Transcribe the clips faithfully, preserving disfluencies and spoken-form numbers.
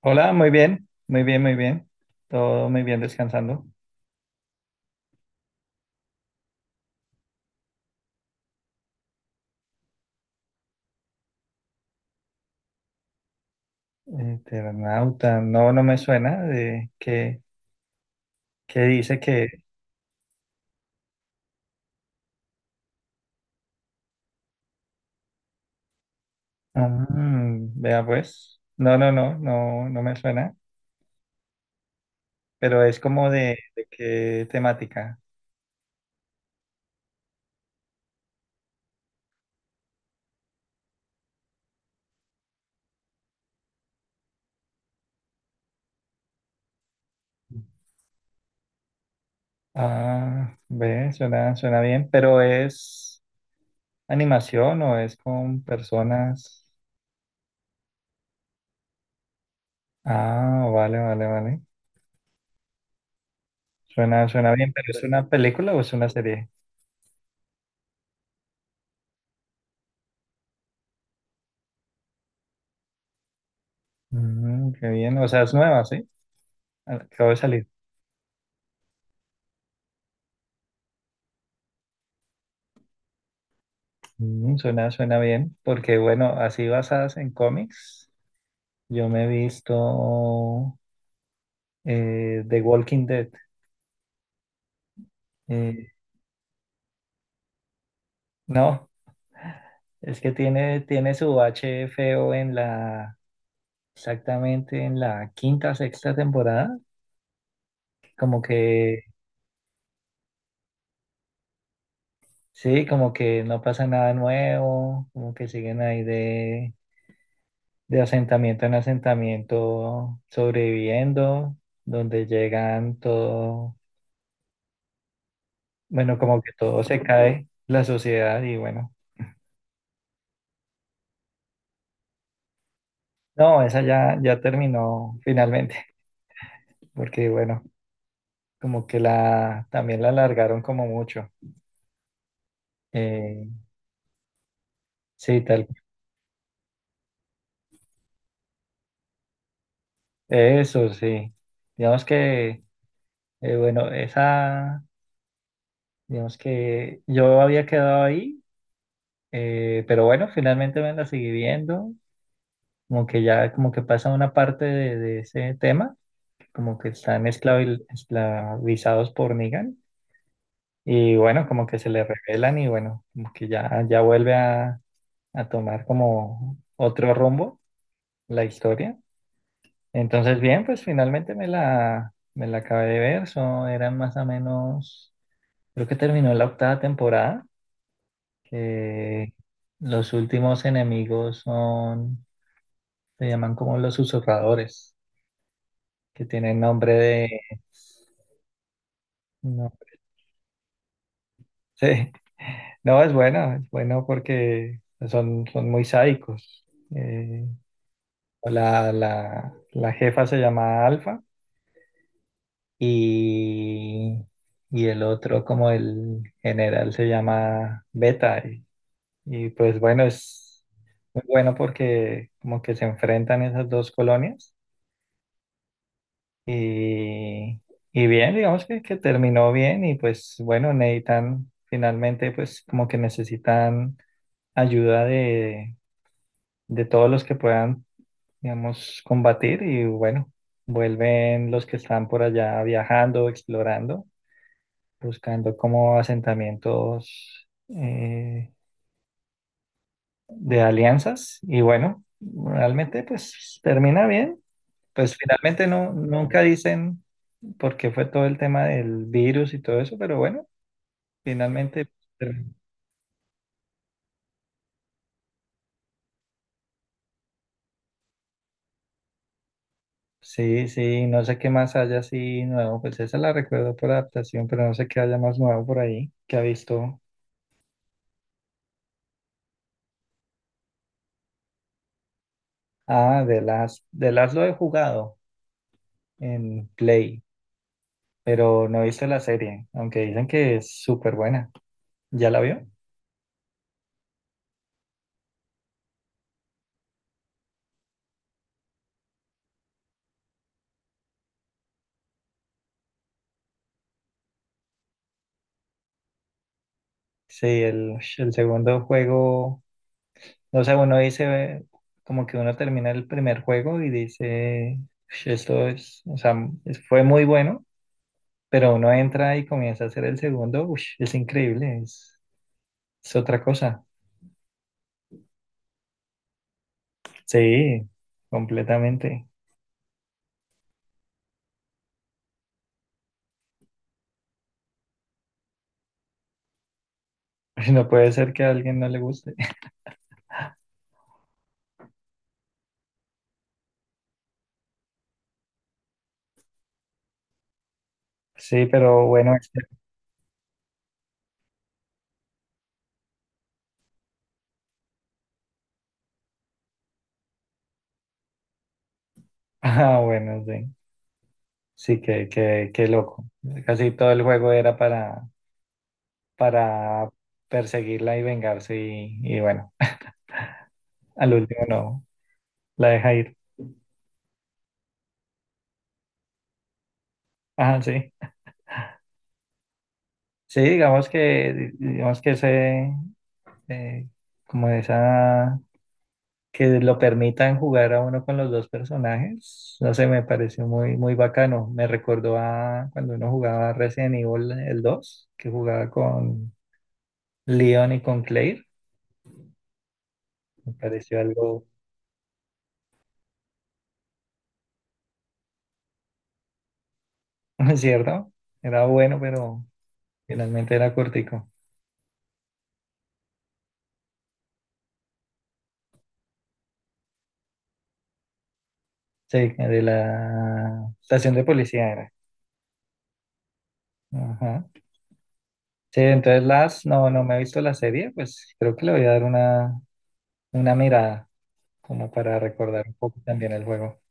Hola, muy bien, muy bien, muy bien. Todo muy bien descansando. Eternauta, no, no me suena de que, que, dice que... Mm, vea pues. No, no, no, no, no me suena. Pero es como de, de qué temática. Ah, ve, suena, suena bien. Pero es animación o es con personas. Ah, vale, vale, vale. Suena, suena bien, pero ¿es una película o es una serie? Mm, qué bien, o sea, es nueva, ¿sí? Acabo de salir. Mm, suena, suena bien, porque bueno, así basadas en cómics, yo me he visto eh, The Walking Dead. Eh, no, es que tiene, tiene su bache feo en la, exactamente en la quinta, sexta temporada, como que, sí, como que no pasa nada nuevo, como que siguen ahí de, de asentamiento en asentamiento sobreviviendo, donde llegan todo. Bueno, como que todo se cae, la sociedad, y bueno, no, esa ya, ya terminó finalmente, porque bueno, como que la, también la alargaron como mucho. Eh, sí, tal, eso sí. Digamos que, eh, bueno, esa, digamos que yo había quedado ahí, eh, pero bueno, finalmente me la seguí viendo, como que ya, como que pasa una parte de, de ese tema, como que están esclavi- esclavizados por Negan. Y bueno, como que se le revelan y bueno, como que ya, ya vuelve a, a tomar como otro rumbo la historia. Entonces, bien, pues finalmente me la, me la acabé de ver. Son, eran más o menos, creo que terminó la octava temporada, que los últimos enemigos son, se llaman como los susurradores, que tienen nombre de... No, sí. No, es bueno, es bueno porque son, son muy sádicos. Eh, La, la, la jefa se llama Alfa, y, y el otro como el general se llama Beta. Y, y pues bueno, es muy bueno porque como que se enfrentan esas dos colonias, y, y bien, digamos que, que terminó bien y pues bueno, necesitan finalmente pues como que necesitan ayuda de, de todos los que puedan, digamos, combatir y bueno, vuelven los que están por allá viajando, explorando, buscando como asentamientos, eh, de alianzas y bueno, realmente pues termina bien. Pues finalmente no, nunca dicen por qué fue todo el tema del virus y todo eso, pero bueno, finalmente ter- sí, sí, no sé qué más haya así nuevo, pues esa la recuerdo por adaptación, pero no sé qué haya más nuevo por ahí que ha visto. Ah, de las de las lo he jugado en Play, pero no he visto la serie, aunque dicen que es súper buena. ¿Ya la vio? Sí, el, el segundo juego, o sea, uno dice, como que uno termina el primer juego y dice: "Ush, esto es, o sea, es- fue muy bueno, pero uno entra y comienza a hacer el segundo, ush, es increíble, es, es otra cosa". Sí, completamente. No puede ser que a alguien no le guste. Sí, pero bueno. este Ah, bueno, sí. Sí, qué, qué, qué loco. Casi todo el juego era para, para perseguirla y vengarse, y, y bueno, al último no, la deja ir. Ah, sí. Sí, digamos que, digamos que ese, eh, como esa, que lo permitan jugar a uno con los dos personajes, no sé, me pareció muy, muy bacano. Me recordó a cuando uno jugaba Resident Evil el dos, que jugaba con Leon y con Claire. Me pareció algo ¿Es cierto? Era bueno, pero finalmente era cortico. Sí, de la estación de policía era. Ajá. Sí, entonces las, no, no me he visto la serie, pues creo que le voy a dar una, una mirada, como para recordar un poco también el juego.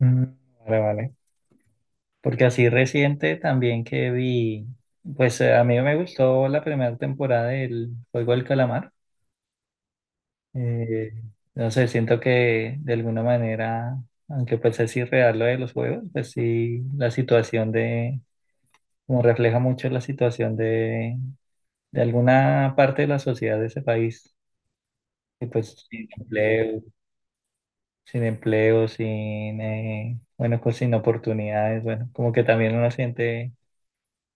Mm, vale, vale. Porque así reciente también que vi, pues eh, a mí me gustó la primera temporada del Juego del Calamar. Eh, no sé, siento que de alguna manera, aunque pues es irreal lo de los juegos, pues sí, la situación de, como refleja mucho la situación de, de, alguna parte de la sociedad de ese país, que pues sin empleo, sin empleo, sin, eh, bueno, pues sin oportunidades, bueno, como que también uno siente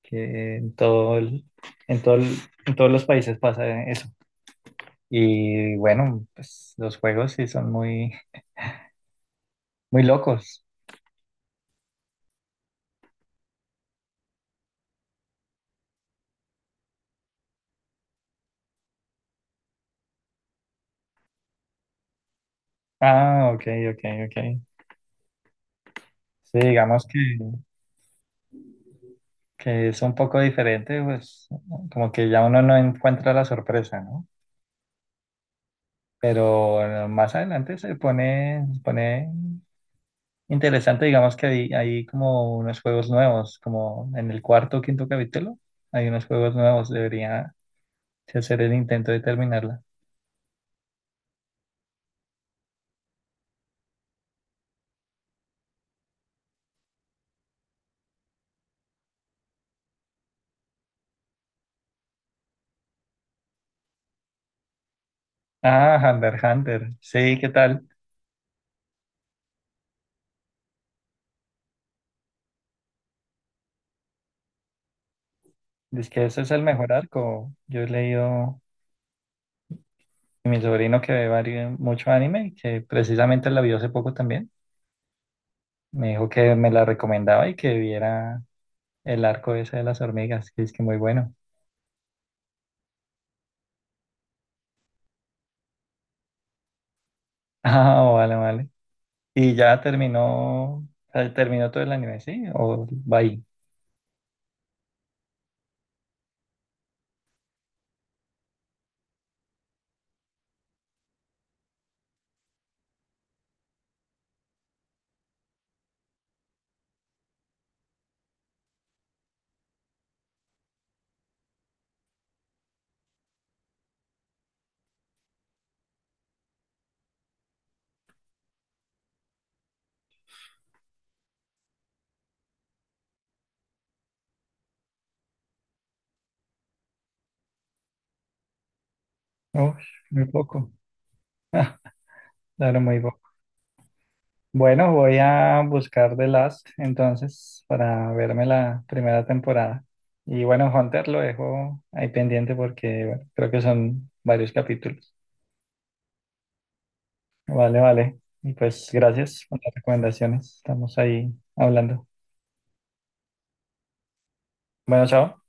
que en todo el- en todo el- en todos los países pasa eso. Y bueno, pues los juegos sí son muy, muy locos. Ah, ok, ok, ok. Sí, digamos que, que es un poco diferente, pues como que ya uno no encuentra la sorpresa, ¿no? Pero eh, más adelante se pone, se pone interesante, digamos que hay, hay como unos juegos nuevos, como en el cuarto o quinto capítulo, hay unos juegos nuevos, debería si hacer el intento de terminarla. Ah, Hunter, x Hunter, sí, ¿qué tal? Dice que ese es el mejor arco. Yo he leído. Y mi sobrino que ve vario- mucho anime, y que precisamente la vio hace poco también, me dijo que me la recomendaba y que viera el arco ese de las hormigas, que es que muy bueno. Ah, vale, vale. Y ya terminó, o sea, terminó todo el anime, ¿sí? ¿O va ahí? Uf, muy poco, claro, muy poco. Bueno, voy a buscar The Last entonces para verme la primera temporada. Y bueno, Hunter lo dejo ahí pendiente porque bueno, creo que son varios capítulos. Vale, vale. Y pues gracias por las recomendaciones. Estamos ahí hablando. Bueno, chao.